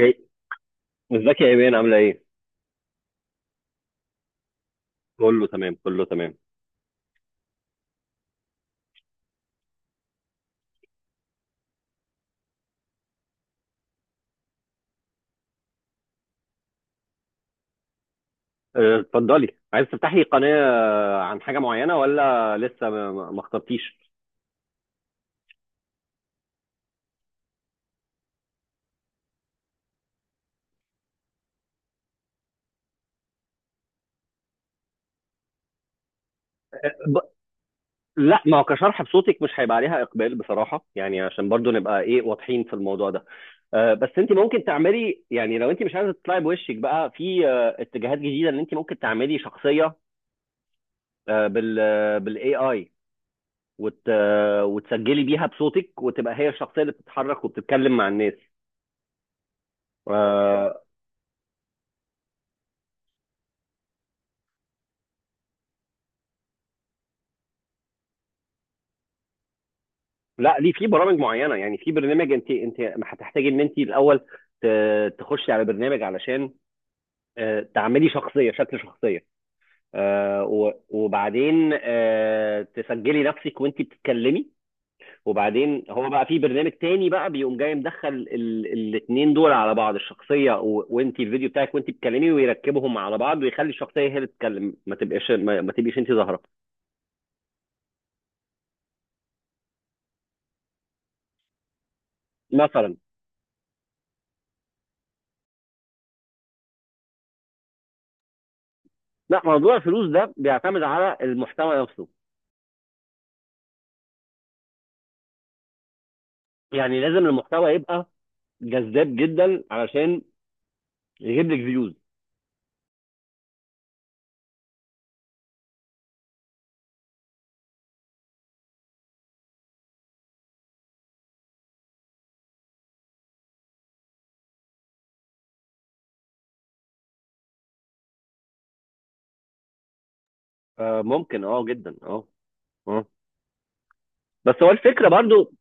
اوكي. ازيك يا ايمان؟ عامله ايه؟ كله تمام، كله تمام. اتفضلي. عايز تفتحي قناه عن حاجه معينه ولا لسه ما اخترتيش؟ ب... لا، ما هو كشرح بصوتك مش هيبقى عليها اقبال بصراحه، يعني عشان برضو نبقى ايه، واضحين في الموضوع ده. بس انت ممكن تعملي، يعني، لو انت مش عايزه تطلعي بوشك بقى في اتجاهات جديده، ان انت ممكن تعملي شخصيه. أه، بال بالاي اي، وتسجلي بيها بصوتك، وتبقى هي الشخصيه اللي بتتحرك وبتتكلم مع الناس. آه، لا، ليه في برامج معينه. يعني في برنامج، انت هتحتاجي ان انت الاول تخشي على برنامج علشان تعملي شخصيه، شكل شخصيه، وبعدين تسجلي نفسك وانت بتتكلمي. وبعدين هو بقى في برنامج تاني بقى بيقوم جاي مدخل الاثنين دول على بعض، الشخصيه وانت، الفيديو بتاعك وانت بتتكلمي، ويركبهم على بعض ويخلي الشخصيه هي اللي تتكلم، ما تبقاش ما تبقيش انت ظاهره. مثلا. لا، موضوع الفلوس ده بيعتمد على المحتوى نفسه. يعني لازم المحتوى يبقى جذاب جدا علشان يجيب لك فيوز. فممكن، اه، جدا، اه. اه، بس هو الفكره برضو،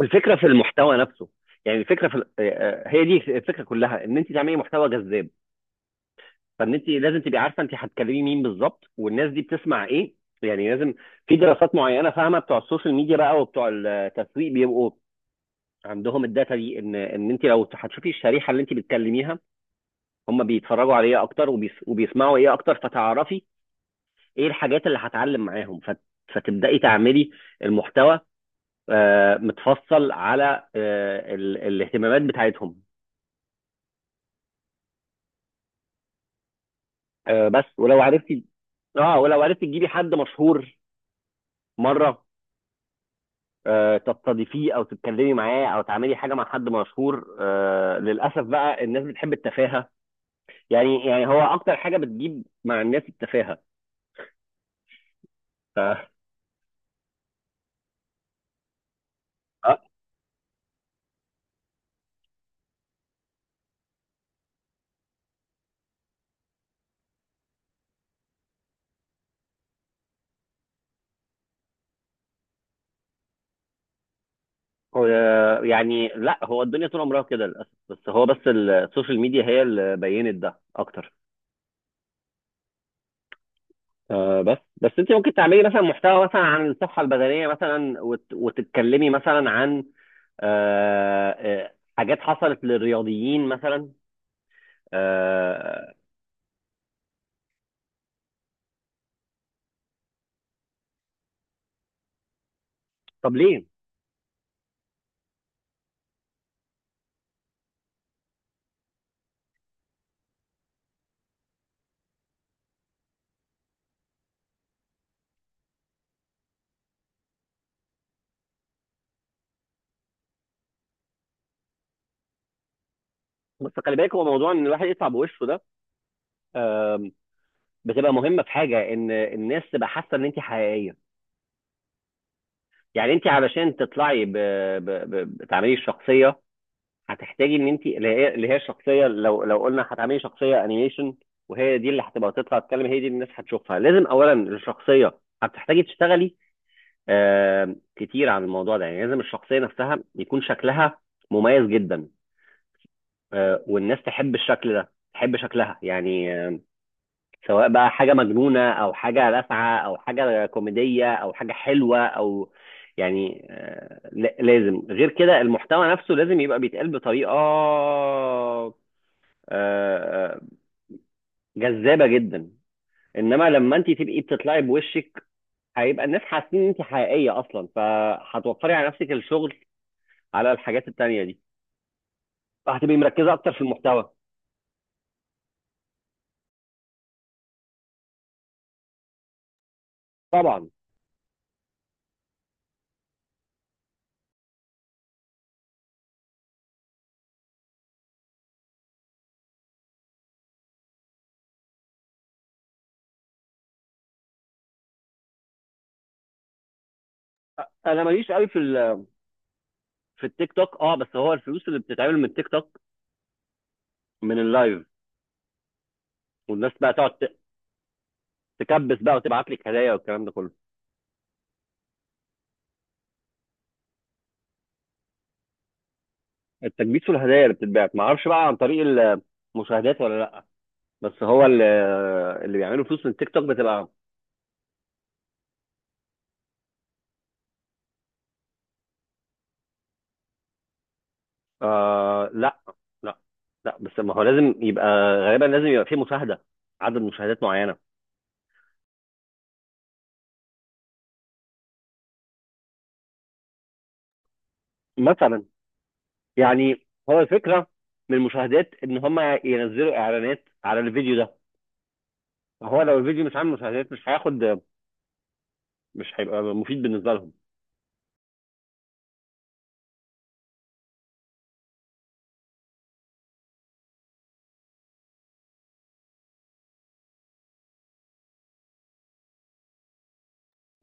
الفكره في المحتوى نفسه. يعني الفكره في هي دي الفكره كلها، ان انت تعملي محتوى جذاب. فان انت لازم تبقي عارفه انت هتكلمي مين بالظبط، والناس دي بتسمع ايه. يعني لازم في دراسات معينه فاهمه، بتوع السوشيال ميديا بقى وبتوع التسويق بيبقوا عندهم الداتا دي، ان انت لو هتشوفي الشريحه اللي انت بتكلميها هم بيتفرجوا على ايه اكتر، وبيسمعوا ايه اكتر، فتعرفي ايه الحاجات اللي هتعلم معاهم، فتبداي تعملي المحتوى متفصل على الاهتمامات بتاعتهم. بس ولو عرفتي، اه، ولو عرفتي تجيبي حد مشهور مره، تستضيفيه او تتكلمي معاه او تعملي حاجه مع حد مشهور. للاسف بقى الناس بتحب التفاهه. يعني هو اكتر حاجه بتجيب مع الناس التفاهه. ف يعني، لا، هو الدنيا طول عمرها كده للاسف، بس السوشيال ميديا هي اللي بينت ده اكتر. بس انت ممكن تعملي مثلا محتوى مثلا عن الصحه البدنيه مثلا، وتتكلمي مثلا عن حاجات حصلت للرياضيين مثلا. آه طب ليه؟ بس خلي بالك، هو موضوع ان الواحد يطلع بوشه ده، آه بتبقى مهمه في حاجه، ان الناس تبقى حاسه ان انت حقيقيه. يعني انت علشان تطلعي ب... تعملي الشخصيه، هتحتاجي ان انت، اللي هي الشخصيه، لو قلنا هتعملي شخصيه انيميشن، وهي دي اللي هتبقى تطلع تتكلم، هي دي الناس هتشوفها. لازم اولا الشخصيه هتحتاجي تشتغلي كتير عن الموضوع ده. يعني لازم الشخصيه نفسها يكون شكلها مميز جدا، والناس تحب الشكل ده، تحب شكلها، يعني، سواء بقى حاجه مجنونه او حاجه لاسعه او حاجه كوميديه او حاجه حلوه او، يعني، لازم. غير كده، المحتوى نفسه لازم يبقى بيتقال بطريقه آه، آه، جذابه جدا. انما لما انت تبقي بتطلعي بوشك، هيبقى الناس حاسين ان انت حقيقيه اصلا، فهتوفري على نفسك الشغل على الحاجات التانيه دي، فهتبقي مركزه اكتر في المحتوى. طبعا. انا ماليش قوي في في التيك توك. اه، بس هو الفلوس اللي بتتعمل من التيك توك من اللايف، والناس بقى تقعد تكبس بقى وتبعت لك هدايا والكلام ده كله. التكبيس والهدايا اللي بتتبعت ما اعرفش بقى عن طريق المشاهدات ولا لا، بس هو اللي بيعملوا فلوس من التيك توك بتبقى لا، لا، لا، بس ما هو لازم يبقى، غالبا لازم يبقى فيه مشاهده، عدد مشاهدات معينه. مثلا. يعني هو الفكره من المشاهدات، ان هم ينزلوا اعلانات على الفيديو ده. فهو لو الفيديو مش عامل مشاهدات مش هياخد، مش هيبقى مفيد بالنسبه لهم.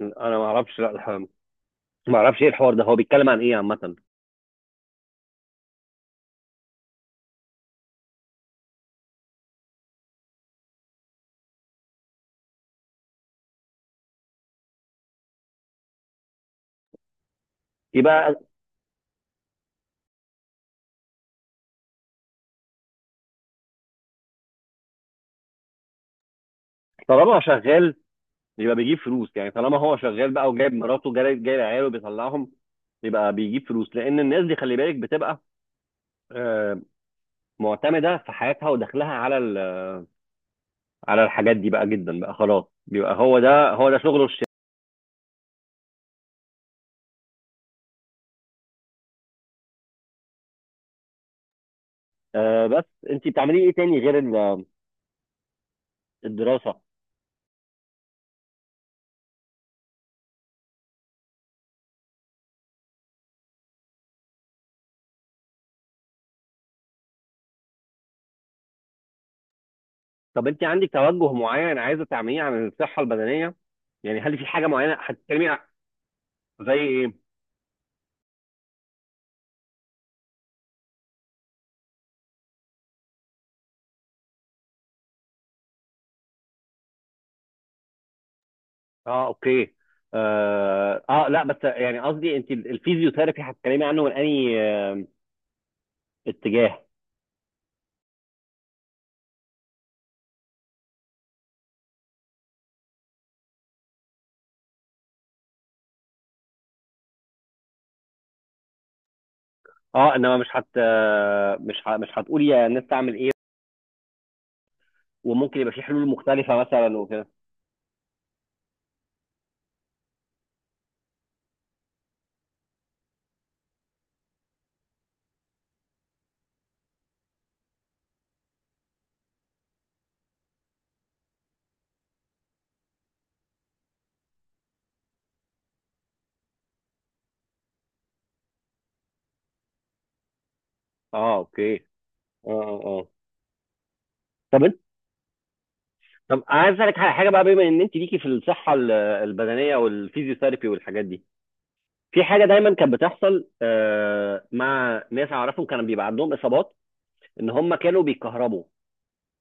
انا ما اعرفش، لا الح- ما اعرفش ايه الحوار ده، هو بيتكلم عن ايه عامه؟ يبقى طالما شغال يبقى بيجيب فلوس. يعني طالما هو شغال بقى وجايب مراته، جايب عياله، بيطلعهم، يبقى بيجيب فلوس. لان الناس دي خلي بالك بتبقى آه، معتمده في حياتها ودخلها على على الحاجات دي بقى جدا، بقى خلاص، بيبقى هو ده هو ده شغله الشاغل. بس انت بتعملي ايه تاني غير الدراسه؟ طب انت عندك توجه معين عايزه تعمليه عن الصحه البدنيه؟ يعني هل في حاجه معينه هتتكلمي زي ايه؟ اه، اوكي. اه، لا، بس يعني قصدي انت الفيزيوثيرابي هتتكلمي عنه من انهي اتجاه؟ اه، انما مش مش مش هتقولي يا الناس تعمل ايه، وممكن يبقى في حلول مختلفه مثلا وكده؟ اه، اوكي. اه، اه، آه. طب انت، طب عايز اسالك على حاجه بقى، بما ان انت ليكي في الصحه البدنيه والفيزيوثيرابي والحاجات دي، في حاجه دايما كانت بتحصل مع ناس اعرفهم كانوا بيبقى عندهم اصابات، ان هم كانوا بيكهربوا،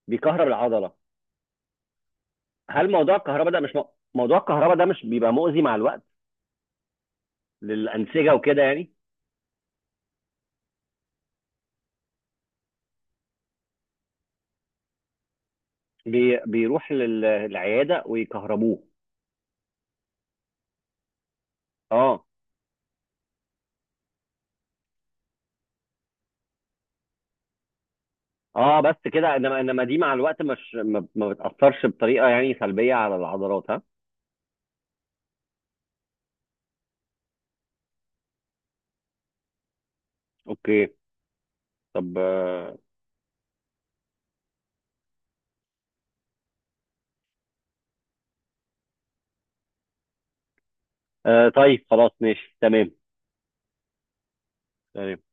بيكهرب العضله. هل موضوع الكهرباء ده مش موضوع الكهرباء ده مش بيبقى مؤذي مع الوقت للانسجه وكده، يعني؟ بيروح للعياده ويكهربوه. اه، اه بس كده، انما دي مع الوقت، مش ما بتاثرش بطريقه يعني سلبيه على العضلات، ها؟ اوكي. طب، طيب، خلاص، ماشي، تمام، تمام.